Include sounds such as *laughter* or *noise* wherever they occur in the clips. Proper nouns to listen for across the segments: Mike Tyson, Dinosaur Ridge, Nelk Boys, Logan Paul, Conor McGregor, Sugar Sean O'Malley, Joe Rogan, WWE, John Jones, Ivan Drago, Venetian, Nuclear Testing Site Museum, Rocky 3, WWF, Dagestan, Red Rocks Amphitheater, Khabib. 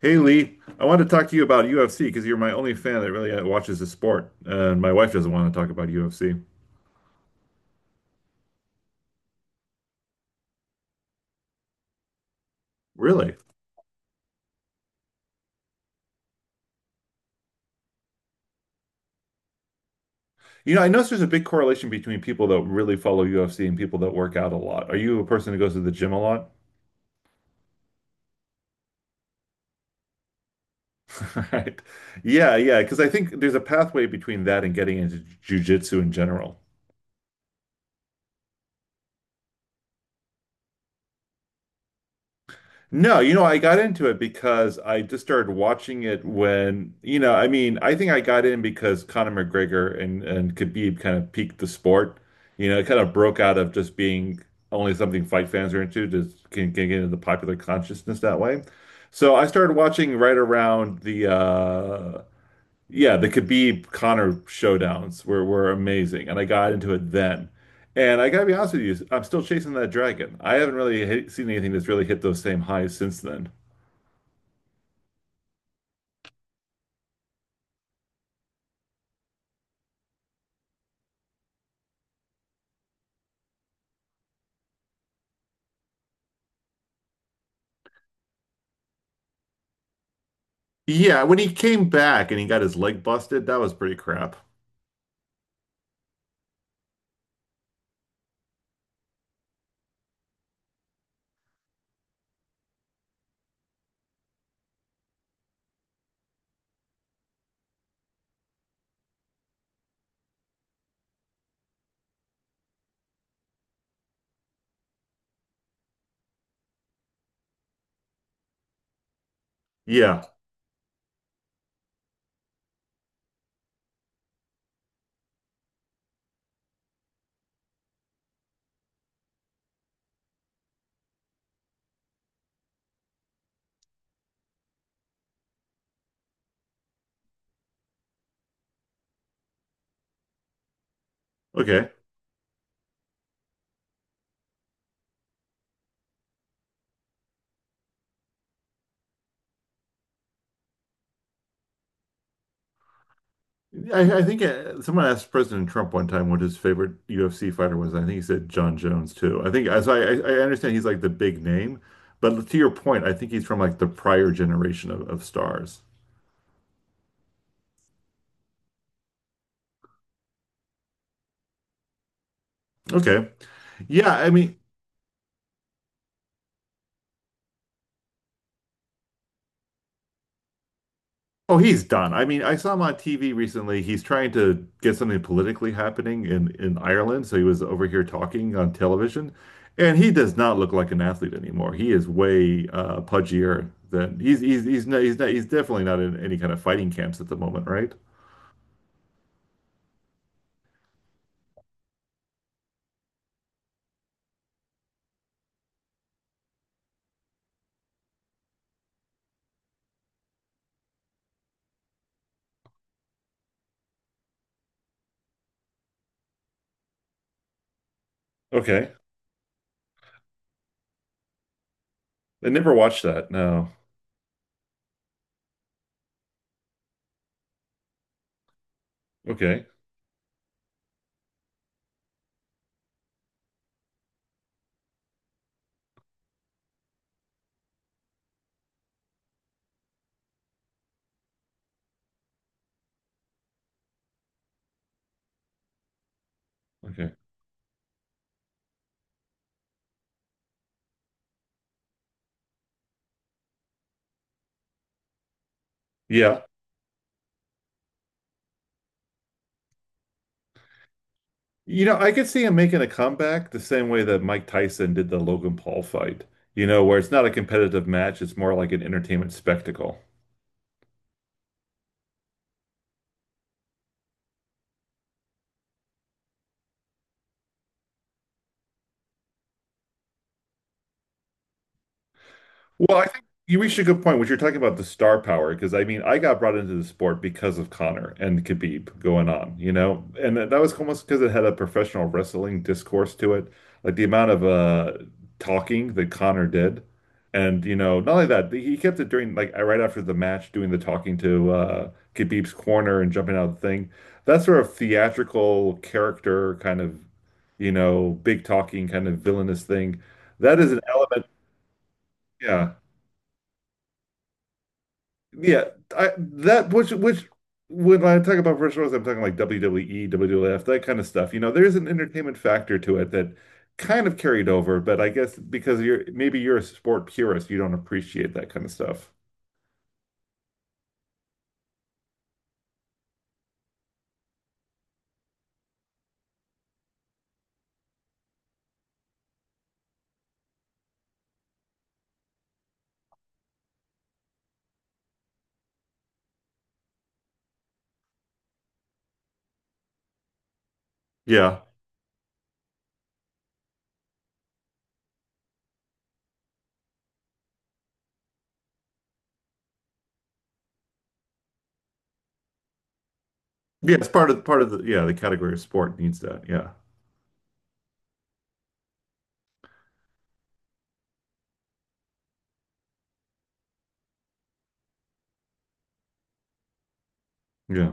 Hey Lee, I want to talk to you about UFC because you're my only fan that really watches the sport, and my wife doesn't want to talk about UFC. Really? You know, I notice there's a big correlation between people that really follow UFC and people that work out a lot. Are you a person who goes to the gym a lot? *laughs* Right. Yeah, yeah, because I think there's a pathway between that and getting into jiu-jitsu in general. No, you know, I got into it because I just started watching it when, I think I got in because Conor McGregor and Khabib kind of peaked the sport. You know, it kind of broke out of just being only something fight fans are into to can get into the popular consciousness that way. So I started watching right around the yeah, the Khabib Conor showdowns were amazing, and I got into it then. And I gotta be honest with you, I'm still chasing that dragon. I haven't really seen anything that's really hit those same highs since then. Yeah, when he came back and he got his leg busted, that was pretty crap. Yeah, okay. I think someone asked President Trump one time what his favorite UFC fighter was, and I think he said John Jones too. I think as I understand he's like the big name, but to your point, I think he's from like the prior generation of stars. Okay. Yeah, I mean, oh, he's done. I mean, I saw him on TV recently. He's trying to get something politically happening in Ireland, so he was over here talking on television, and he does not look like an athlete anymore. He is way pudgier than he's definitely not in any kind of fighting camps at the moment, right? Okay. I never watched that. No. Okay. Okay. Yeah. You know, I could see him making a comeback the same way that Mike Tyson did the Logan Paul fight, you know, where it's not a competitive match, it's more like an entertainment spectacle. Well, I think you reached a good point when you're talking about the star power, because I mean, I got brought into the sport because of Connor and Khabib going on, you know, and that that was almost because it had a professional wrestling discourse to it, like the amount of talking that Connor did, and you know, not only that, he kept it during like right after the match, doing the talking to Khabib's corner and jumping out of the thing, that sort of theatrical character kind of, you know, big talking kind of villainous thing. That is an element, yeah. Yeah, I that which when I talk about virtual wrestling, I'm talking like WWE, WWF, that kind of stuff. You know, there's an entertainment factor to it that kind of carried over, but I guess because you're maybe you're a sport purist, you don't appreciate that kind of stuff. Yeah. Yeah, it's part of the yeah, the category of sport needs that. Yeah. Yeah.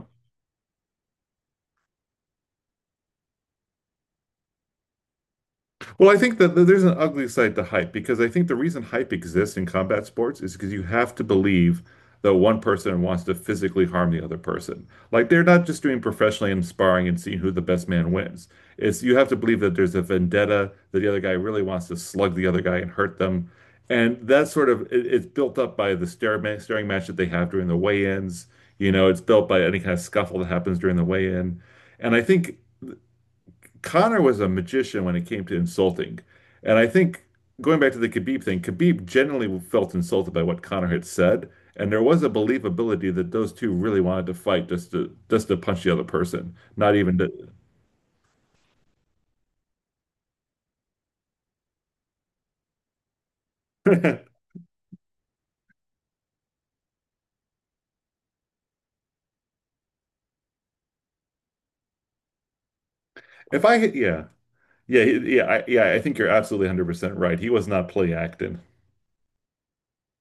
Well, I think that there's an ugly side to hype because I think the reason hype exists in combat sports is because you have to believe that one person wants to physically harm the other person. Like they're not just doing professionally and sparring and seeing who the best man wins. It's you have to believe that there's a vendetta, that the other guy really wants to slug the other guy and hurt them. And that's sort of it's built up by the staring match that they have during the weigh-ins. You know, it's built by any kind of scuffle that happens during the weigh-in. And I think Connor was a magician when it came to insulting. And I think going back to the Khabib thing, Khabib generally felt insulted by what Connor had said. And there was a believability that those two really wanted to fight just to punch the other person, not even to. *laughs* If I hit, yeah, yeah, yeah, I think you're absolutely 100% right. He was not play acting.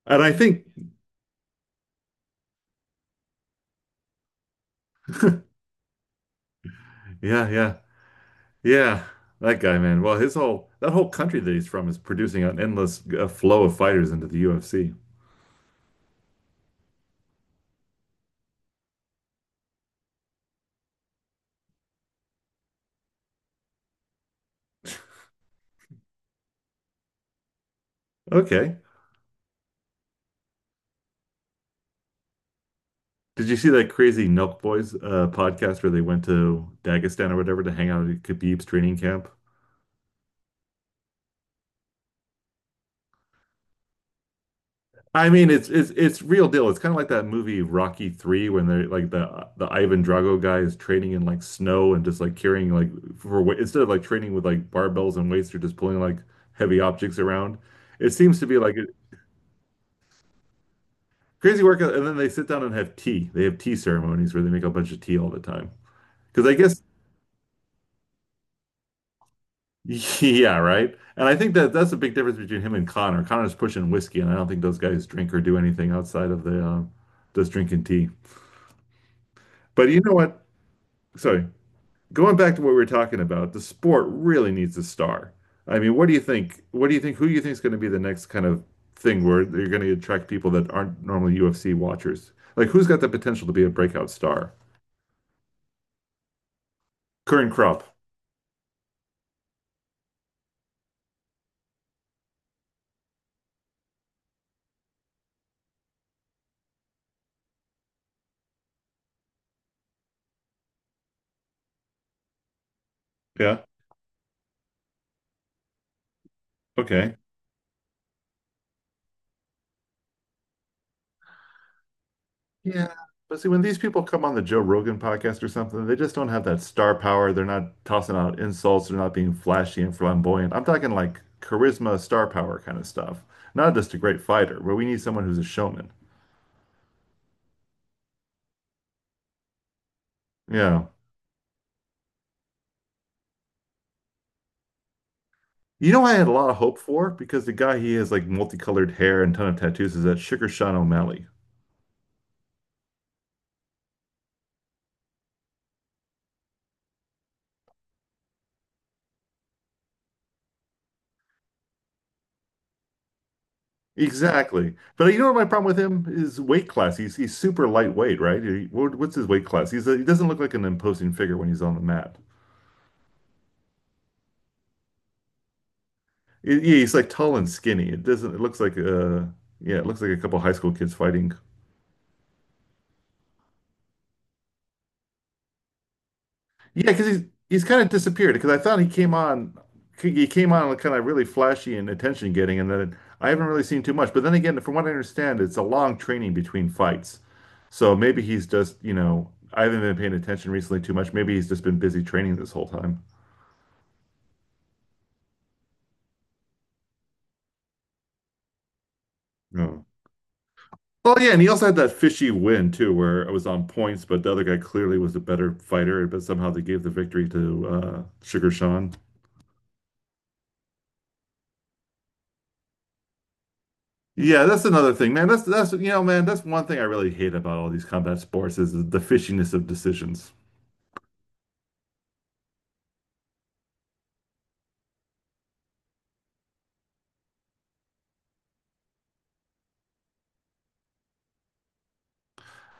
And I think, yeah, yeah, yeah, that guy, man. Well, his whole that whole country that he's from is producing an endless flow of fighters into the UFC. Okay. Did you see that crazy Nelk Boys podcast where they went to Dagestan or whatever to hang out at Khabib's training camp? I mean, it's real deal. It's kind of like that movie Rocky 3 when they're like the Ivan Drago guy is training in like snow and just like carrying like instead of like training with like barbells and weights, they're just pulling like heavy objects around. It seems to be like a crazy workout, and then they sit down and have tea. They have tea ceremonies where they make a bunch of tea all the time. Because I guess *laughs* yeah, right. And I think that that's the big difference between him and Connor. Connor's pushing whiskey, and I don't think those guys drink or do anything outside of the just drinking tea. But you know what? Sorry, going back to what we were talking about, the sport really needs a star. I mean, what do you think? What do you think? Who do you think is going to be the next kind of thing where you're going to attract people that aren't normally UFC watchers? Like, who's got the potential to be a breakout star? Current crop. Yeah. Okay. Yeah. But see, when these people come on the Joe Rogan podcast or something, they just don't have that star power. They're not tossing out insults. They're not being flashy and flamboyant. I'm talking like charisma, star power kind of stuff. Not just a great fighter, but we need someone who's a showman. Yeah. You know, I had a lot of hope for because the guy he has like multicolored hair and ton of tattoos is that Sugar Sean O'Malley. Exactly. But you know what my problem with him is weight class. He's super lightweight, right? What's his weight class? He doesn't look like an imposing figure when he's on the mat. It- yeah, he's like tall and skinny. It doesn't. It looks like yeah, it looks like a couple high school kids fighting. Yeah, because he's kind of disappeared. Because I thought he came on kind of really flashy and attention getting, and then I haven't really seen too much. But then again, from what I understand, it's a long training between fights, so maybe he's just you know I haven't been paying attention recently too much. Maybe he's just been busy training this whole time. Yeah. Well, yeah, and he also had that fishy win too, where it was on points, but the other guy clearly was a better fighter, but somehow they gave the victory to Sugar Sean. Yeah, that's another thing, man. That's one thing I really hate about all these combat sports is the fishiness of decisions.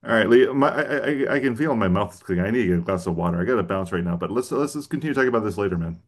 All right, Lee, my, I can feel my mouth is clicking. I need to get a glass of water. I got to bounce right now, but let's just continue talking about this later, man.